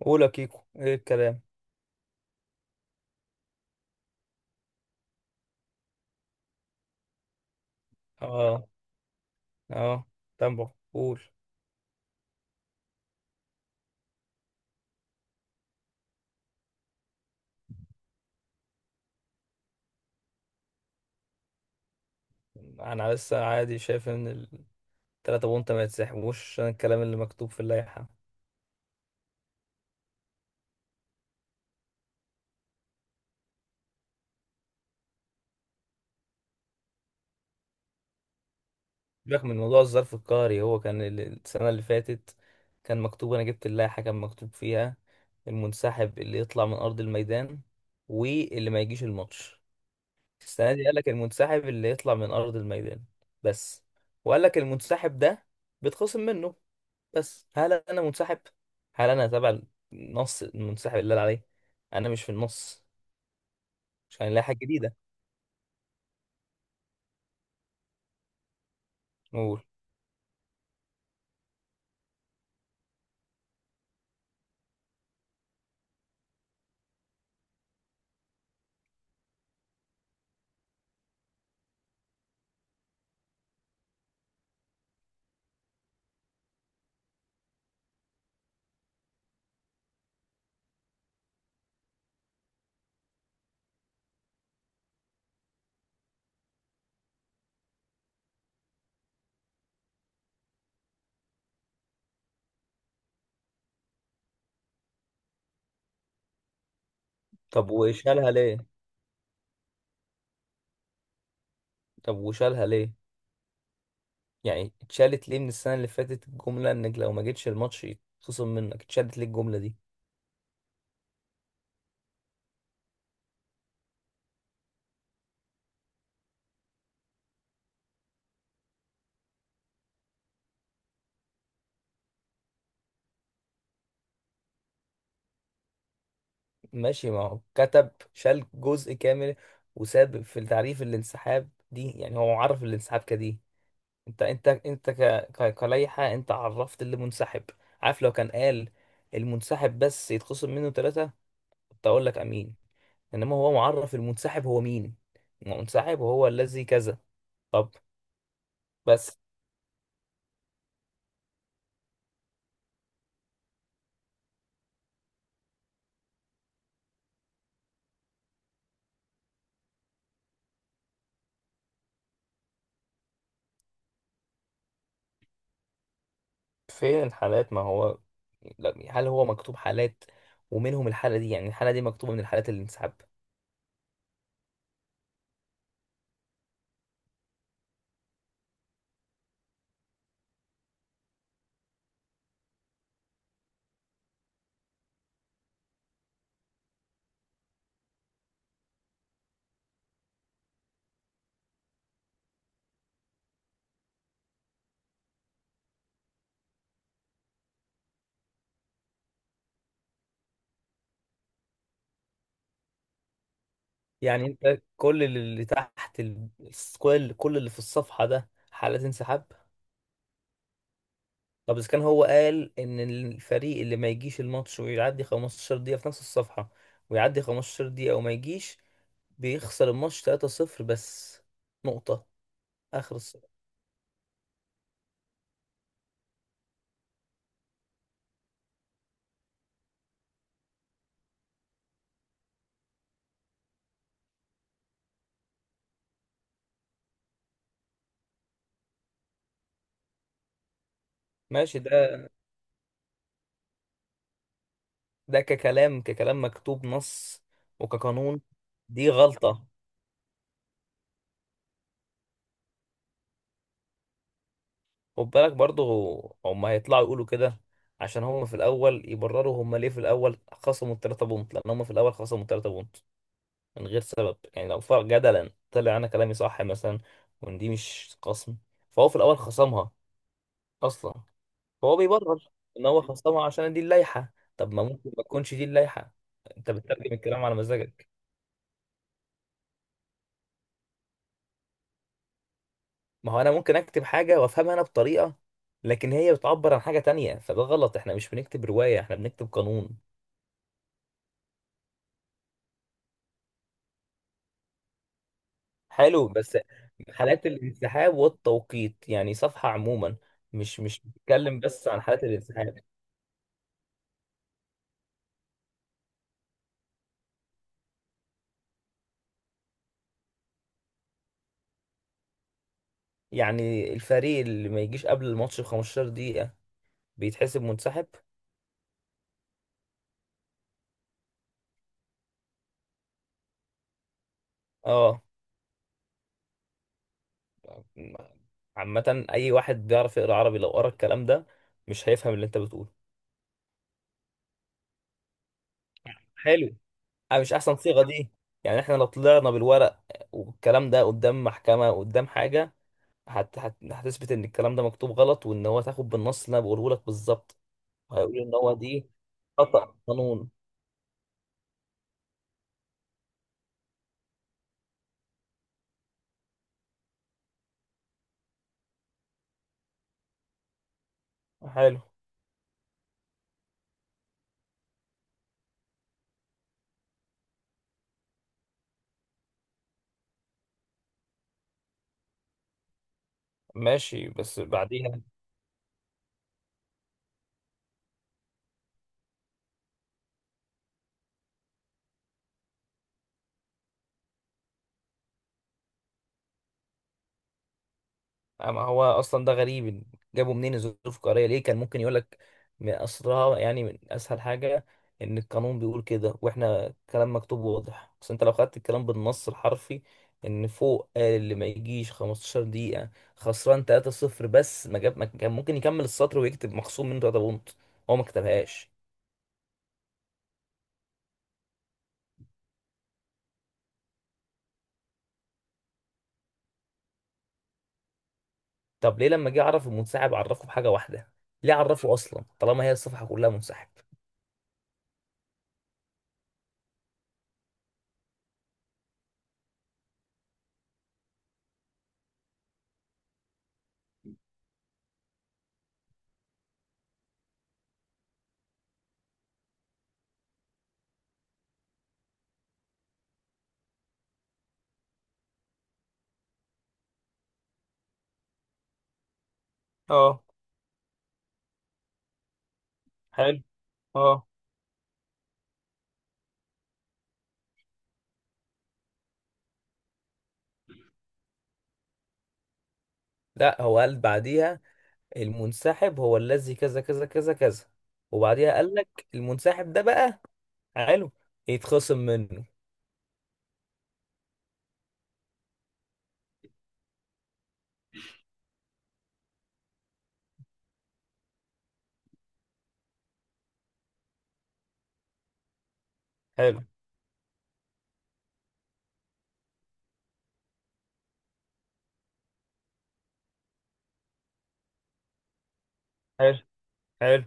قول يا كيكو، ايه الكلام؟ اه اه. تمبو، قول. انا لسه عادي شايف ان التلاتة بونت ما يتسحبوش عشان الكلام اللي مكتوب في اللائحة. سيبك من موضوع الظرف القهري. هو كان السنة اللي فاتت كان مكتوب، انا جبت اللائحة كان مكتوب فيها المنسحب اللي يطلع من ارض الميدان واللي ما يجيش الماتش. السنة دي قالك المنسحب اللي يطلع من ارض الميدان بس، وقالك المنسحب ده بيتخصم منه، بس هل انا منسحب؟ هل انا تبع النص المنسحب اللي قال عليه؟ انا مش في النص. مش هنلاقي حاجه جديده. نقول. طب وشالها ليه طب وشالها ليه؟ يعني اتشالت ليه من السنه اللي فاتت الجمله انك لو ما جيتش الماتش يتخصم منك؟ اتشالت ليه الجمله دي؟ ماشي، ما هو كتب شال جزء كامل وساب في تعريف الانسحاب دي. يعني هو عرف الانسحاب كدي. انت كلائحه، انت عرفت اللي منسحب. عارف، لو كان قال المنسحب بس يتخصم منه ثلاثة، تقول لك امين، انما هو معرف المنسحب هو مين. المنسحب هو الذي كذا. طب. بس فين الحالات؟ ما هو لا، هل هو مكتوب حالات ومنهم الحالة دي؟ يعني الحالة دي مكتوبة من الحالات اللي انسحب؟ يعني انت كل اللي تحت كل اللي في الصفحة ده حالات انسحاب؟ طب اذا كان هو قال ان الفريق اللي ما يجيش الماتش ويعدي 15 دقيقة في نفس الصفحة، ويعدي 15 دقيقة وما يجيش بيخسر الماتش 3-0 بس، نقطة آخر. ماشي ده ككلام مكتوب نص وكقانون، دي غلطة. خد بالك برضه، هم هيطلعوا يقولوا كده، عشان هم في الأول يبرروا هم ليه في الأول خصموا التلاتة بونت. لأن هم في الأول خصموا التلاتة بونت من غير سبب. يعني لو فرق جدلا طلع أنا كلامي صح مثلا، وإن دي مش خصم، فهو في الأول خصمها أصلا. فهو بيبرر إن هو خصمها عشان دي اللائحة. طب ما ممكن ما تكونش دي اللائحة؟ أنت بتترجم الكلام على مزاجك. ما هو انا ممكن اكتب حاجه وافهمها انا بطريقه، لكن هي بتعبر عن حاجه تانية، فده غلط. احنا مش بنكتب روايه، احنا بنكتب قانون. حلو، بس حالات الانسحاب والتوقيت، يعني صفحه عموما. مش بتتكلم بس عن حالات الانسحاب. يعني الفريق اللي ما يجيش قبل الماتش ب 15 دقيقه بيتحسب منسحب. اه. عامه، اي واحد بيعرف يقرا عربي لو قرا الكلام ده مش هيفهم اللي انت بتقوله. حلو. آه، مش احسن صيغه دي. يعني احنا لو طلعنا بالورق والكلام ده قدام محكمه، قدام حاجه، هتثبت ان الكلام ده مكتوب غلط، وان هو تاخد بالنص اللي انا بقوله لك بالظبط. هيقول ان هو دي خطأ قانون. حلو. ماشي بس بعدين. آه، ما هو اصلا ده غريب. جابوا منين الظروف القهريه؟ ليه كان ممكن يقول لك من اصلها، يعني من اسهل حاجه، ان القانون بيقول كده واحنا كلام مكتوب واضح. بس انت لو خدت الكلام بالنص الحرفي، ان فوق قال اللي ما يجيش 15 دقيقه خسران 3-0 بس، ما جاب، ما كان ممكن يكمل السطر ويكتب مخصوم منه 3 بونت. هو ما كتبهاش. طب ليه لما جه يعرف المنسحب عرفه بحاجه واحده؟ ليه عرفه اصلا طالما هي الصفحه كلها منسحب؟ اه. حلو. اه. لا، هو قال بعديها المنسحب هو الذي كذا كذا كذا كذا، وبعديها قال لك المنسحب ده بقى، حلو، يتخصم منه. حلو. حلو. حلو.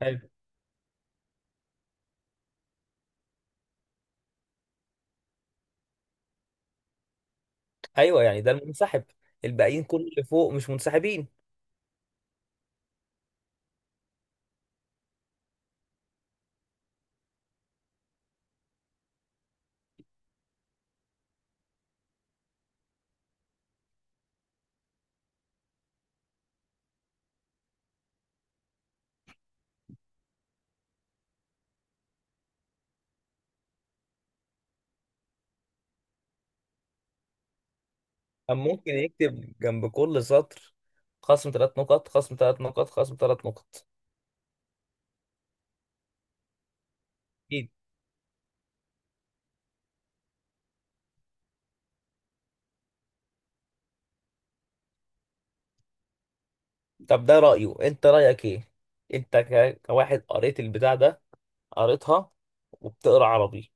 حلو. ايوه، يعني ده المنسحب. الباقيين كل اللي فوق مش منسحبين. أم ممكن يكتب جنب كل سطر خصم ثلاث نقط، خصم ثلاث نقط، خصم ثلاث نقط. اكيد. طب ده رأيه، انت رأيك ايه؟ انت كواحد قريت البتاع ده، قريتها وبتقرا عربي،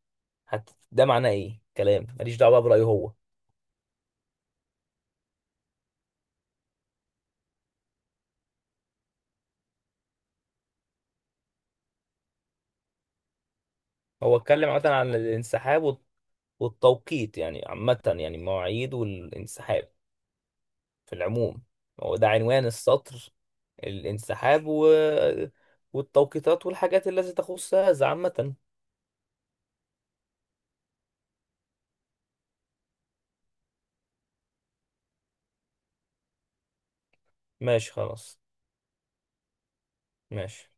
ده معناه ايه؟ كلام ماليش دعوة بقى برأيه هو. هو اتكلم عامة عن الانسحاب والتوقيت، يعني عامة، يعني مواعيد والانسحاب في العموم. هو ده عنوان السطر، الانسحاب والتوقيتات والحاجات التي تخص هذا عامة. ماشي خلاص. ماشي.